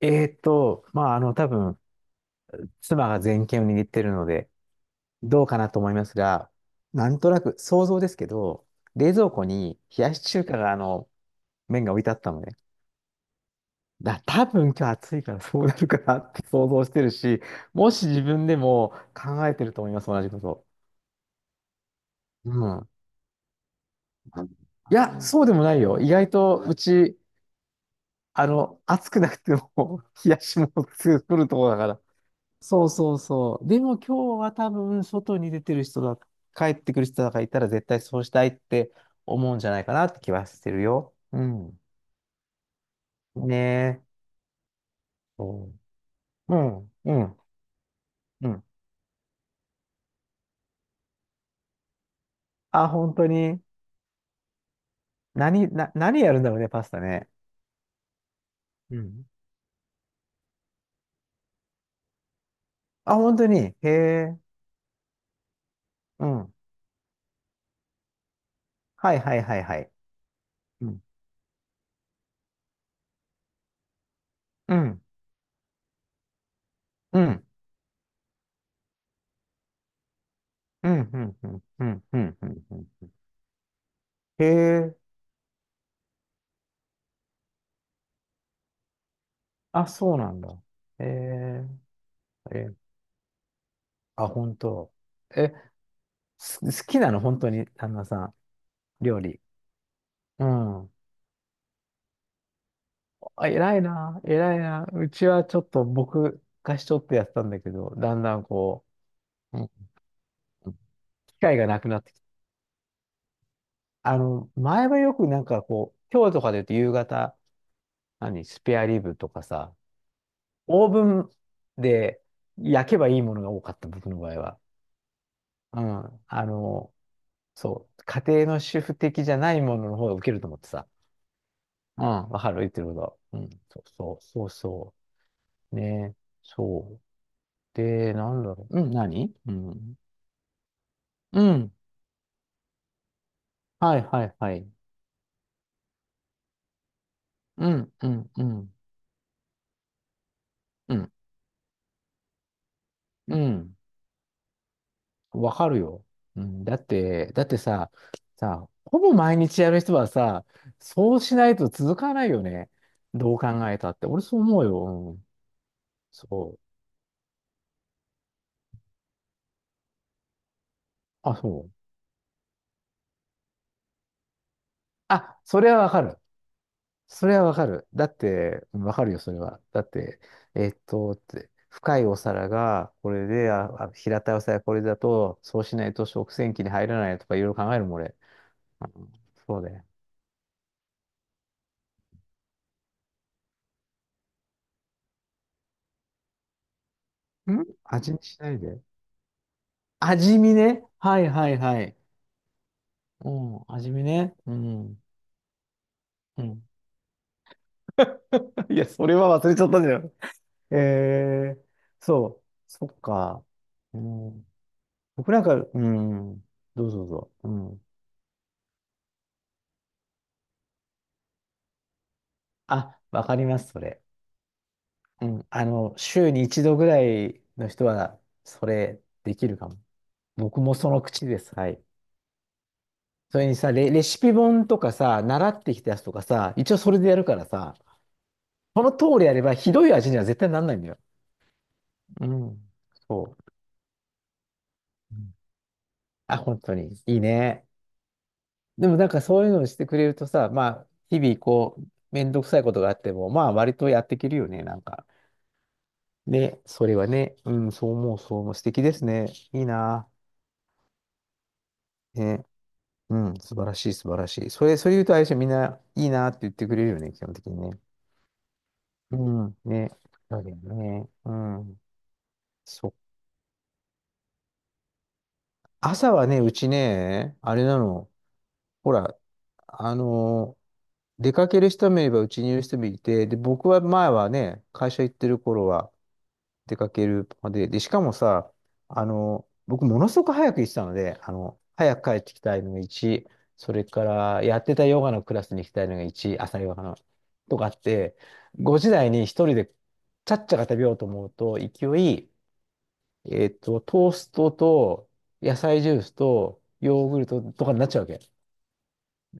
えーっと、まあ、あの、多分、妻が全権を握ってるので、どうかなと思いますが、なんとなく想像ですけど、冷蔵庫に冷やし中華が、麺が置いてあったのね。多分今日暑いからそうなるかなって想像してるし、もし自分でも考えてると思います、同じこと。うん。いや、そうでもないよ。意外と、うち、暑くなくても 冷やしもの作るところだから、そうそうそう。でも今日は多分外に出てる人だ、帰ってくる人だからいたら絶対そうしたいって思うんじゃないかなって気はしてるよ。うん。ねえ。そううん、うん、うん。あ、本当に。何やるんだろうね、パスタね。うん。あ、本当に。へえ。うん。はいはいはいはい。うん。うん。うん。うん。うん。うん。うん。うん。うんうんへえ。あ、そうなんだ。へえ。え、あ、本当。え好きなの、本当に、旦那さん、料理。うん。あ、偉いな、偉いな。うちはちょっと僕がしとってやってたんだけど、だんだんこう、うんうん機会がなくなってきて。あの、前はよくなんかこう、今日とかで言うと夕方、スペアリブとかさ、オーブンで焼けばいいものが多かった、僕の場合は。うん。あの、そう、家庭の主婦的じゃないものの方がウケると思ってさ。うん、わかる、言ってること。うん、そうそう、そうそう。ね、そう。で、なんだろう。うん、何うん。うん。はいはいはい。うん、うん、うん。うん、うん。わかるよ。うん。だってさ、ほぼ毎日やる人はさ、そうしないと続かないよね。どう考えたって。俺そう思うよ。うん。そう。あ、そう。あ、それはわかる。それはわかる。だって、うんわかるよ、それは。だって、深いお皿がこれで、あ、平たいお皿がこれだと、そうしないと食洗機に入らないとかいろいろ考えるもん、俺。うんそうだよ。ん味見しないで。味見ね。はいはいはい。うん、味見ね。うん。うん。いや、それは忘れちゃったんだよ。えー、そう。そっか。うん、僕なんか、うん、どうぞどうぞ。うん。あ、わかります、それ。うん、あの、週に一度ぐらいの人は、それできるかも。僕もその口です。はい。それにさ、レシピ本とかさ、習ってきたやつとかさ、一応それでやるからさ、この通りやればひどい味には絶対なんないんだよ。うん。そう。うんあ、本当に。いいね。でもなんかそういうのをしてくれるとさ、まあ、日々こう、めんどくさいことがあっても、まあ、割とやっていけるよね、なんか。ね、それはね、うん、そう思う、そう思う。素敵ですね。いいな。ね。うん、素晴らしい、素晴らしい。それ言うと、あれでしょみんないいなって言ってくれるよね、基本的にね。うん、ね。だけどね。うん。そう。朝はね、うちね、あれなの。ほら、あのー出かける人もいれば、うちにいる人もいて、で、僕は前はね、会社行ってる頃は、出かけるまで、で、しかもさ、あの、僕ものすごく早く行ってたので、あの、早く帰ってきたいのが1、それからやってたヨガのクラスに行きたいのが1、朝ヨガの、とかあって、ご時台に一人でちゃっちゃか食べようと思うと、勢い、えっと、トーストと野菜ジュースとヨーグルトとかになっちゃうわけ。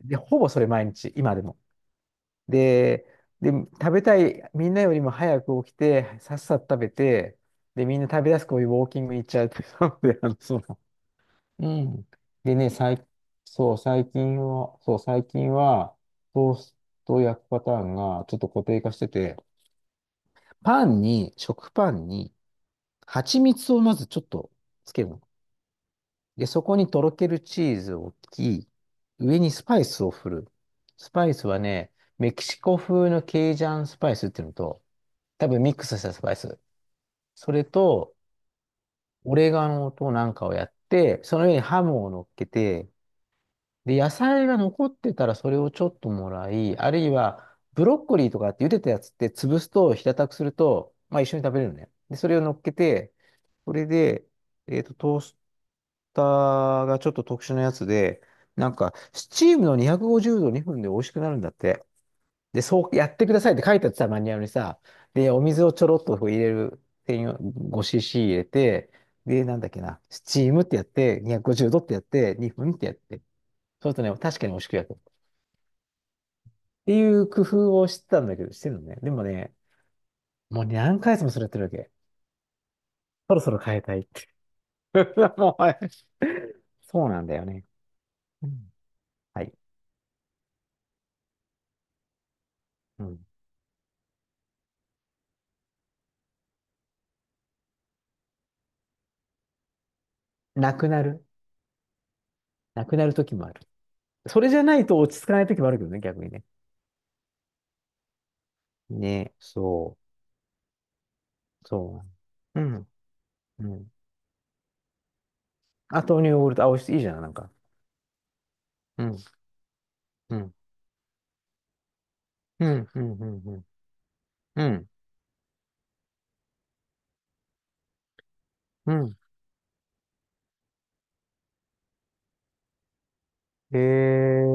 で、ほぼそれ毎日、今でも。で、で、食べたい、みんなよりも早く起きて、さっさと食べて、で、みんな食べ出すこういうウォーキングに行っちゃうっていうので、あの、その、うん。でね、最、そう、最近は、トーストを焼くパターンがちょっと固定化してて、パンに、食パンに、蜂蜜をまずちょっとつけるの。で、そこにとろけるチーズを置き、上にスパイスを振る。スパイスはね、メキシコ風のケイジャンスパイスっていうのと、多分ミックスしたスパイス。それと、オレガノとなんかをやって、その上にハムを乗っけて、で、野菜が残ってたらそれをちょっともらい、あるいはブロッコリーとかって茹でたやつって潰すと平たくすると、まあ一緒に食べれるのね。で、それを乗っけて、これで、えっと、トースターがちょっと特殊なやつで、なんか、スチームの250度2分で美味しくなるんだって。で、そうやってくださいって書いてあってさ、マニュアルにさ、で、お水をちょろっとこう入れる専用 5cc 入れて、で、なんだっけな、スチームってやって、250度ってやって、2分ってやって、そうするとね、確かに美味しく焼く。っていう工夫をしてたんだけど、してるのね。でもね、もう何回もそれやってるわけ。そろそろ変えたいって。もうはいそうなんだよね。うん、はい。うん。なくなる。なくなる時もある。それじゃないと落ち着かない時もあるけどね、逆にね。ね、そう。そう。うん。うんあ、豆乳ヨーグルト。あ、美味しい。いいじゃん、なんか。うん、うん、うん、うん、うん、うん、うん。うんえ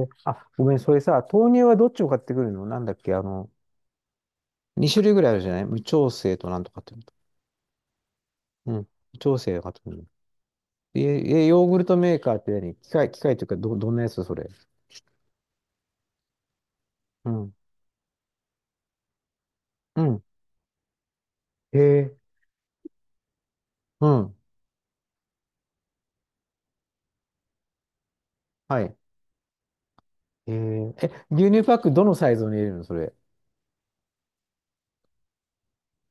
ー、あ、ごめん、それさ、豆乳はどっちを買ってくるのなんだっけ、あの、2種類ぐらいあるじゃない無調整となんとかっていうのと。うん。無調整を買ってくるの。え、ヨーグルトメーカーって何機械、機械というか、どんなやつそれ。うん、うん。へえー、うん。はい。えー、え、牛乳パックどのサイズに入れるのそれ。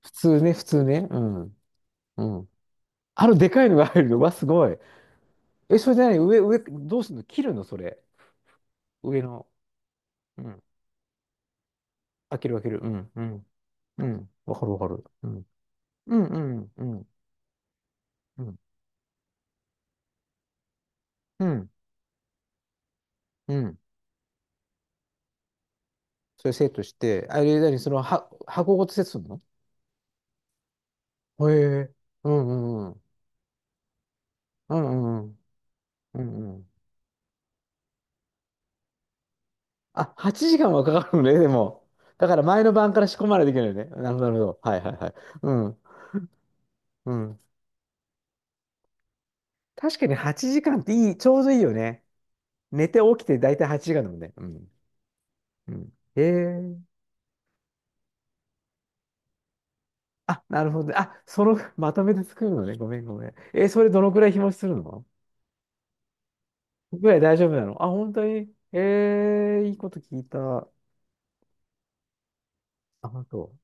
普通ね、普通ね。うん。うん。あの、でかいのが入るの。わ、すごい。え、それじゃない、上、どうすんの切るのそれ。上の。うん。開ける開ける。うん、うん。わかるわかる。うん。うん、うん、うん、うん、うん。うんそれセットして、あれ、何、その、は、箱ごとセットするのへえ。うん、うん、うん。うん、うんうん。うんうんあ、8時間はかかるのね、でも。だから前の晩から仕込まれていけないよね。なるほど、なるほど。はいはいはい。うん、うん。確かに8時間っていい、ちょうどいいよね。寝て起きて大体8時間だもんね。うん。うん。へえ。あ、なるほど。あ、その、まとめて作るのね。ごめんごめん。えーそれどのくらい日持ちするのぐらい大丈夫なのあ、本当にえー、いいこと聞いた。あ、本当。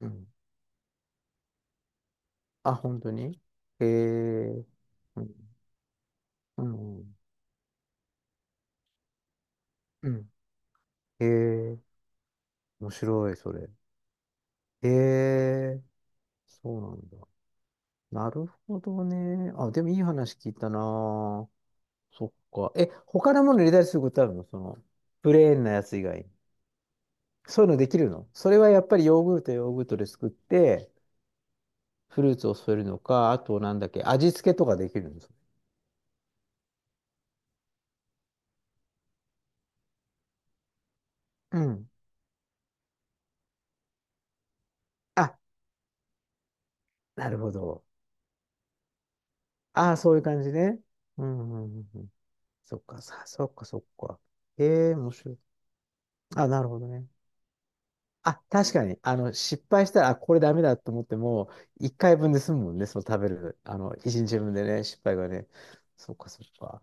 うん。あ、本当にえー、うん、うん、うん。えー、面白い、それ。えー、そうなんだ。なるほどね。あ、でもいい話聞いたな。そっか。え、他のもの入れたりすることあるのその、プレーンなやつ以外に。そういうのできるのそれはやっぱりヨーグルト、ヨーグルトで作って、フルーツを添えるのか、あとなんだっけ、味付けとかできるんです。うん。あ、なるほど。ああ、そういう感じね。うんそっか、そっか、そっか。ええ、面白い。あ、なるほどね。あ、確かに、あの、失敗したら、あ、これダメだと思っても、一回分で済むもんね、その食べる、あの、一日分でね、失敗がね。そっかそっか。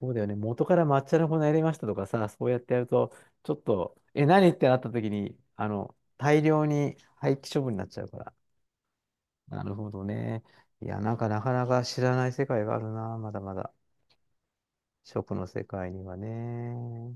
そうだよね、元から抹茶の粉入れましたとかさ、そうやってやると、ちょっと、え、何ってなった時に、あの、大量に廃棄処分になっちゃうから。なるほどね。いや、なんかなかなか知らない世界があるな、まだまだ。食の世界にはね。